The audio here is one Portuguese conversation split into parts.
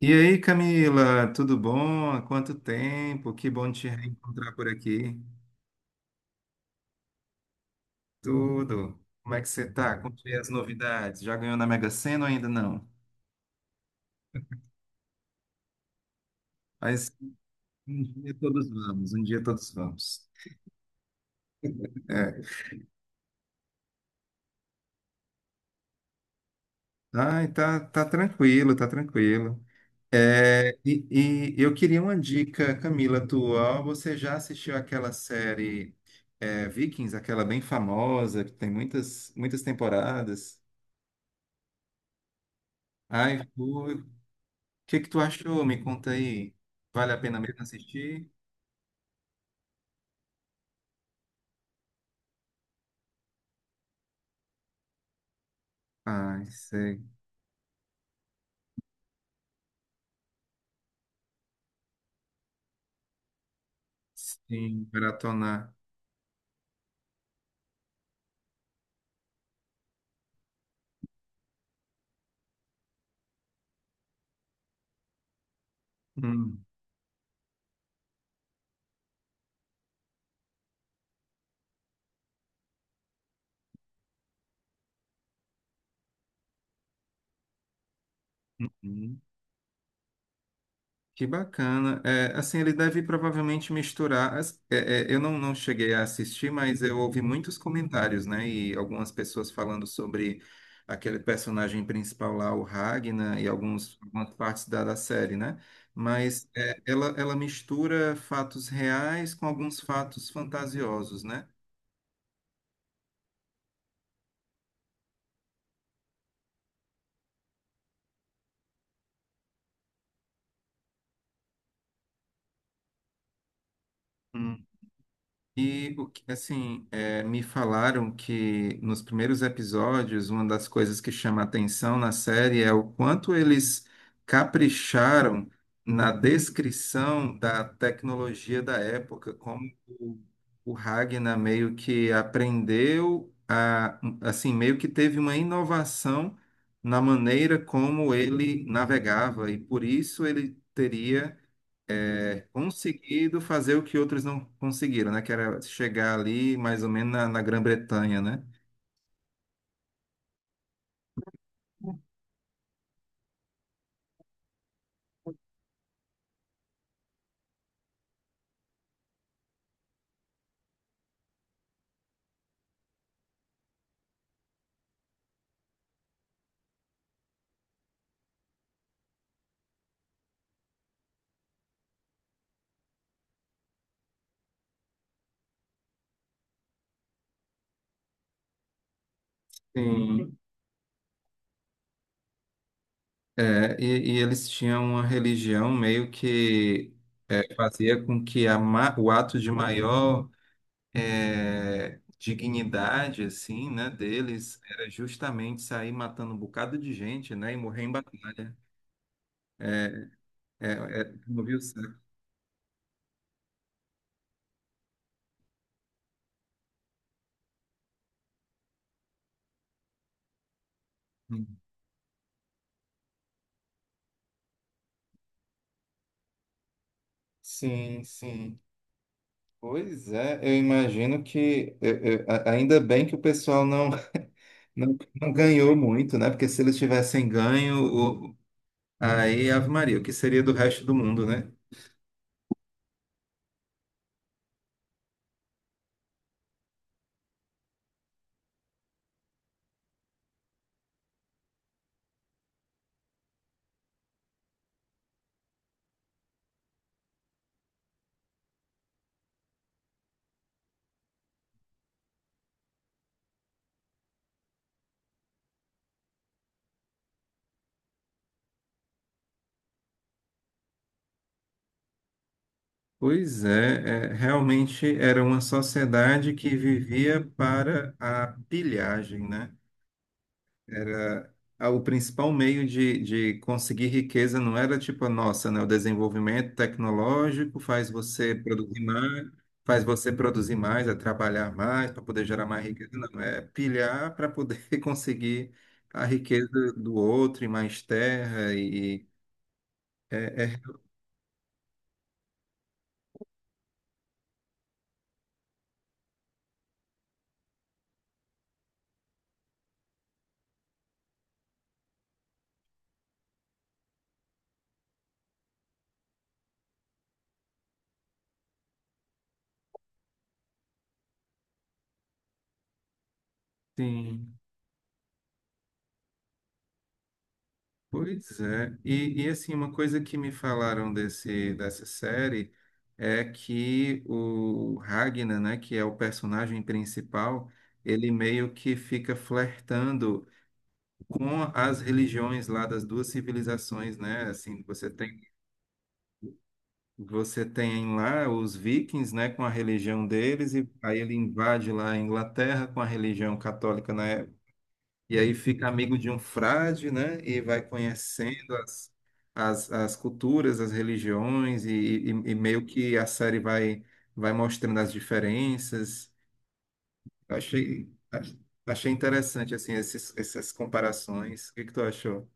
E aí, Camila, tudo bom? Há quanto tempo? Que bom te reencontrar por aqui. Tudo. Como é que você tá? Contei as novidades. Já ganhou na Mega Sena ou ainda não? Mas um dia todos vamos, um dia todos vamos. É. Ai, tá tranquilo, tá tranquilo. E eu queria uma dica, Camila, tua. Você já assistiu aquela série Vikings, aquela bem famosa, que tem muitas temporadas? Ai, fui. O que que tu achou? Me conta aí. Vale a pena mesmo assistir? Ah, sei. Sim, maratonar. Hum, hum. Que bacana. É, assim, ele deve provavelmente misturar. Eu não cheguei a assistir, mas eu ouvi muitos comentários, né? E algumas pessoas falando sobre aquele personagem principal lá, o Ragnar, e algumas partes da série, né? Mas é, ela mistura fatos reais com alguns fatos fantasiosos, né? Hum. E assim, é, me falaram que nos primeiros episódios, uma das coisas que chama atenção na série é o quanto eles capricharam na descrição da tecnologia da época, como o Ragnar meio que aprendeu a, assim, meio que teve uma inovação na maneira como ele navegava, e por isso ele teria Uhum conseguido fazer o que outros não conseguiram, né? Que era chegar ali mais ou menos na Grã-Bretanha, né? Sim. E eles tinham uma religião meio que fazia com que o ato de maior dignidade, assim, né, deles era justamente sair matando um bocado de gente, né? E morrer em batalha. Não viu o saco. Sim, sim. Pois é, eu imagino que ainda bem que o pessoal não ganhou muito, né? Porque se eles tivessem ganho, o- aí Ave Maria, o que seria do resto do mundo, né? Pois é, é, realmente era uma sociedade que vivia para a pilhagem, né? Era, ah, o principal meio de conseguir riqueza não era tipo a nossa, né? O desenvolvimento tecnológico faz você produzir mais, faz você produzir mais, é trabalhar mais para poder gerar mais riqueza. Não, é pilhar para poder conseguir a riqueza do outro e mais terra e é, é, sim. Pois é, e assim, uma coisa que me falaram dessa série é que o Ragnar, né, que é o personagem principal, ele meio que fica flertando com as religiões lá das duas civilizações, né, assim, você tem lá os vikings, né, com a religião deles, e aí ele invade lá a Inglaterra com a religião católica, né, e aí fica amigo de um frade, né? E vai conhecendo as culturas, as religiões, e meio que a série vai, vai mostrando as diferenças. Eu achei, ach- Achei interessante, assim, essas comparações. O que que tu achou?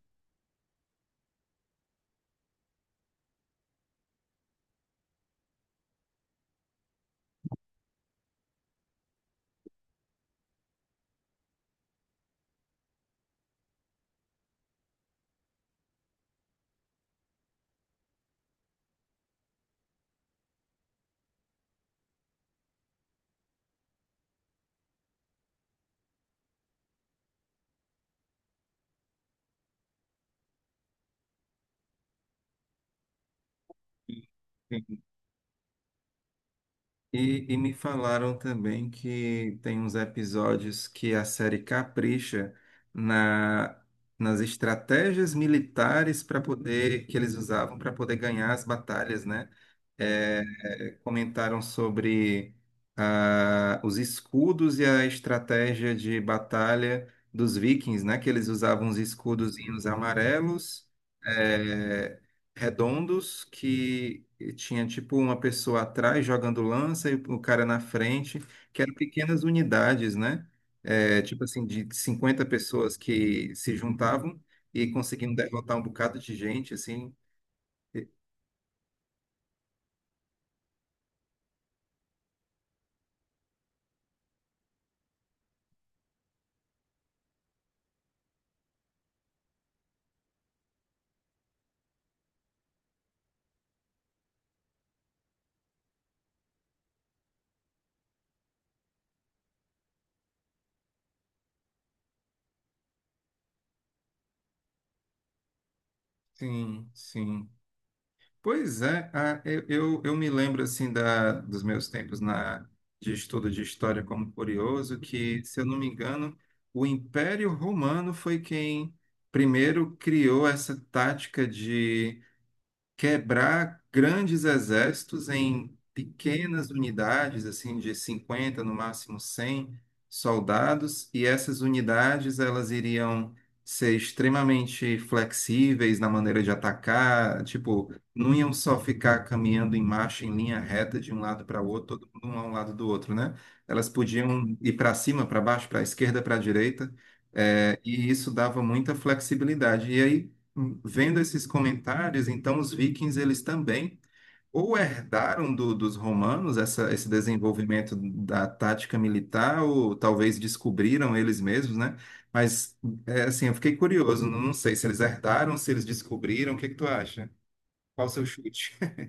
E me falaram também que tem uns episódios que a série capricha na, nas estratégias militares para poder que eles usavam para poder ganhar as batalhas, né? É, Comentaram sobre, ah, os escudos e a estratégia de batalha dos vikings, né? Que eles usavam os escudozinhos amarelos. É, redondos que tinha tipo uma pessoa atrás jogando lança e o cara na frente, que eram pequenas unidades, né? É, tipo assim, de 50 pessoas que se juntavam e conseguiam derrotar um bocado de gente, assim. Sim, sim. Pois é, ah, eu me lembro assim dos meus tempos de estudo de história como curioso, que, se eu não me engano, o Império Romano foi quem primeiro criou essa tática de quebrar grandes exércitos em pequenas unidades, assim, de 50 no máximo 100 soldados, e essas unidades elas iriam ser extremamente flexíveis na maneira de atacar, tipo, não iam só ficar caminhando em marcha, em linha reta, de um lado para o outro, todo mundo a um lado do outro, né? Elas podiam ir para cima, para baixo, para a esquerda, para a direita, eh, e isso dava muita flexibilidade. E aí, vendo esses comentários, então os vikings eles também ou herdaram dos romanos esse desenvolvimento da tática militar, ou talvez descobriram eles mesmos, né? Mas é, assim, eu fiquei curioso, não não sei se eles herdaram, se eles descobriram, o que que tu acha? Qual o seu chute?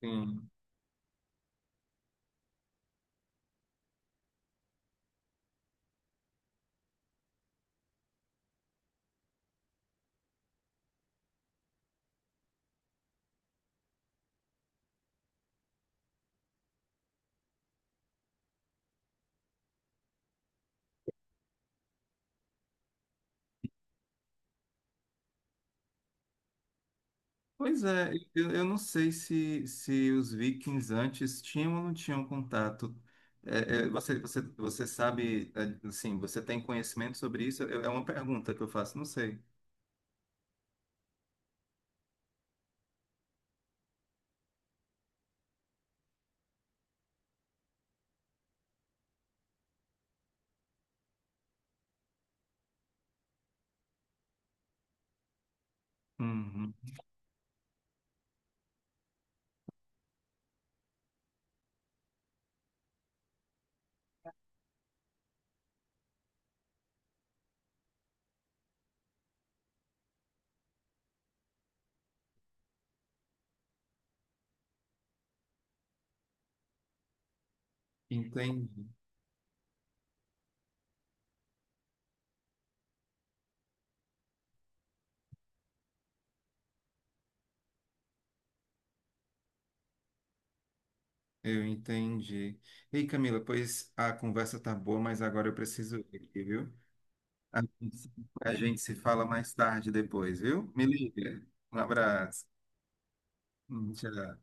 Sim. Pois é, eu não sei se os vikings antes tinham ou não tinham contato. É, você, você sabe, é, assim, você tem conhecimento sobre isso? É é uma pergunta que eu faço, não sei. Uhum. Entendi, eu entendi. Ei, Camila, pois a conversa tá boa, mas agora eu preciso ir aqui, viu? A gente se a gente se fala mais tarde depois, viu? Me liga. Um abraço. Tchau.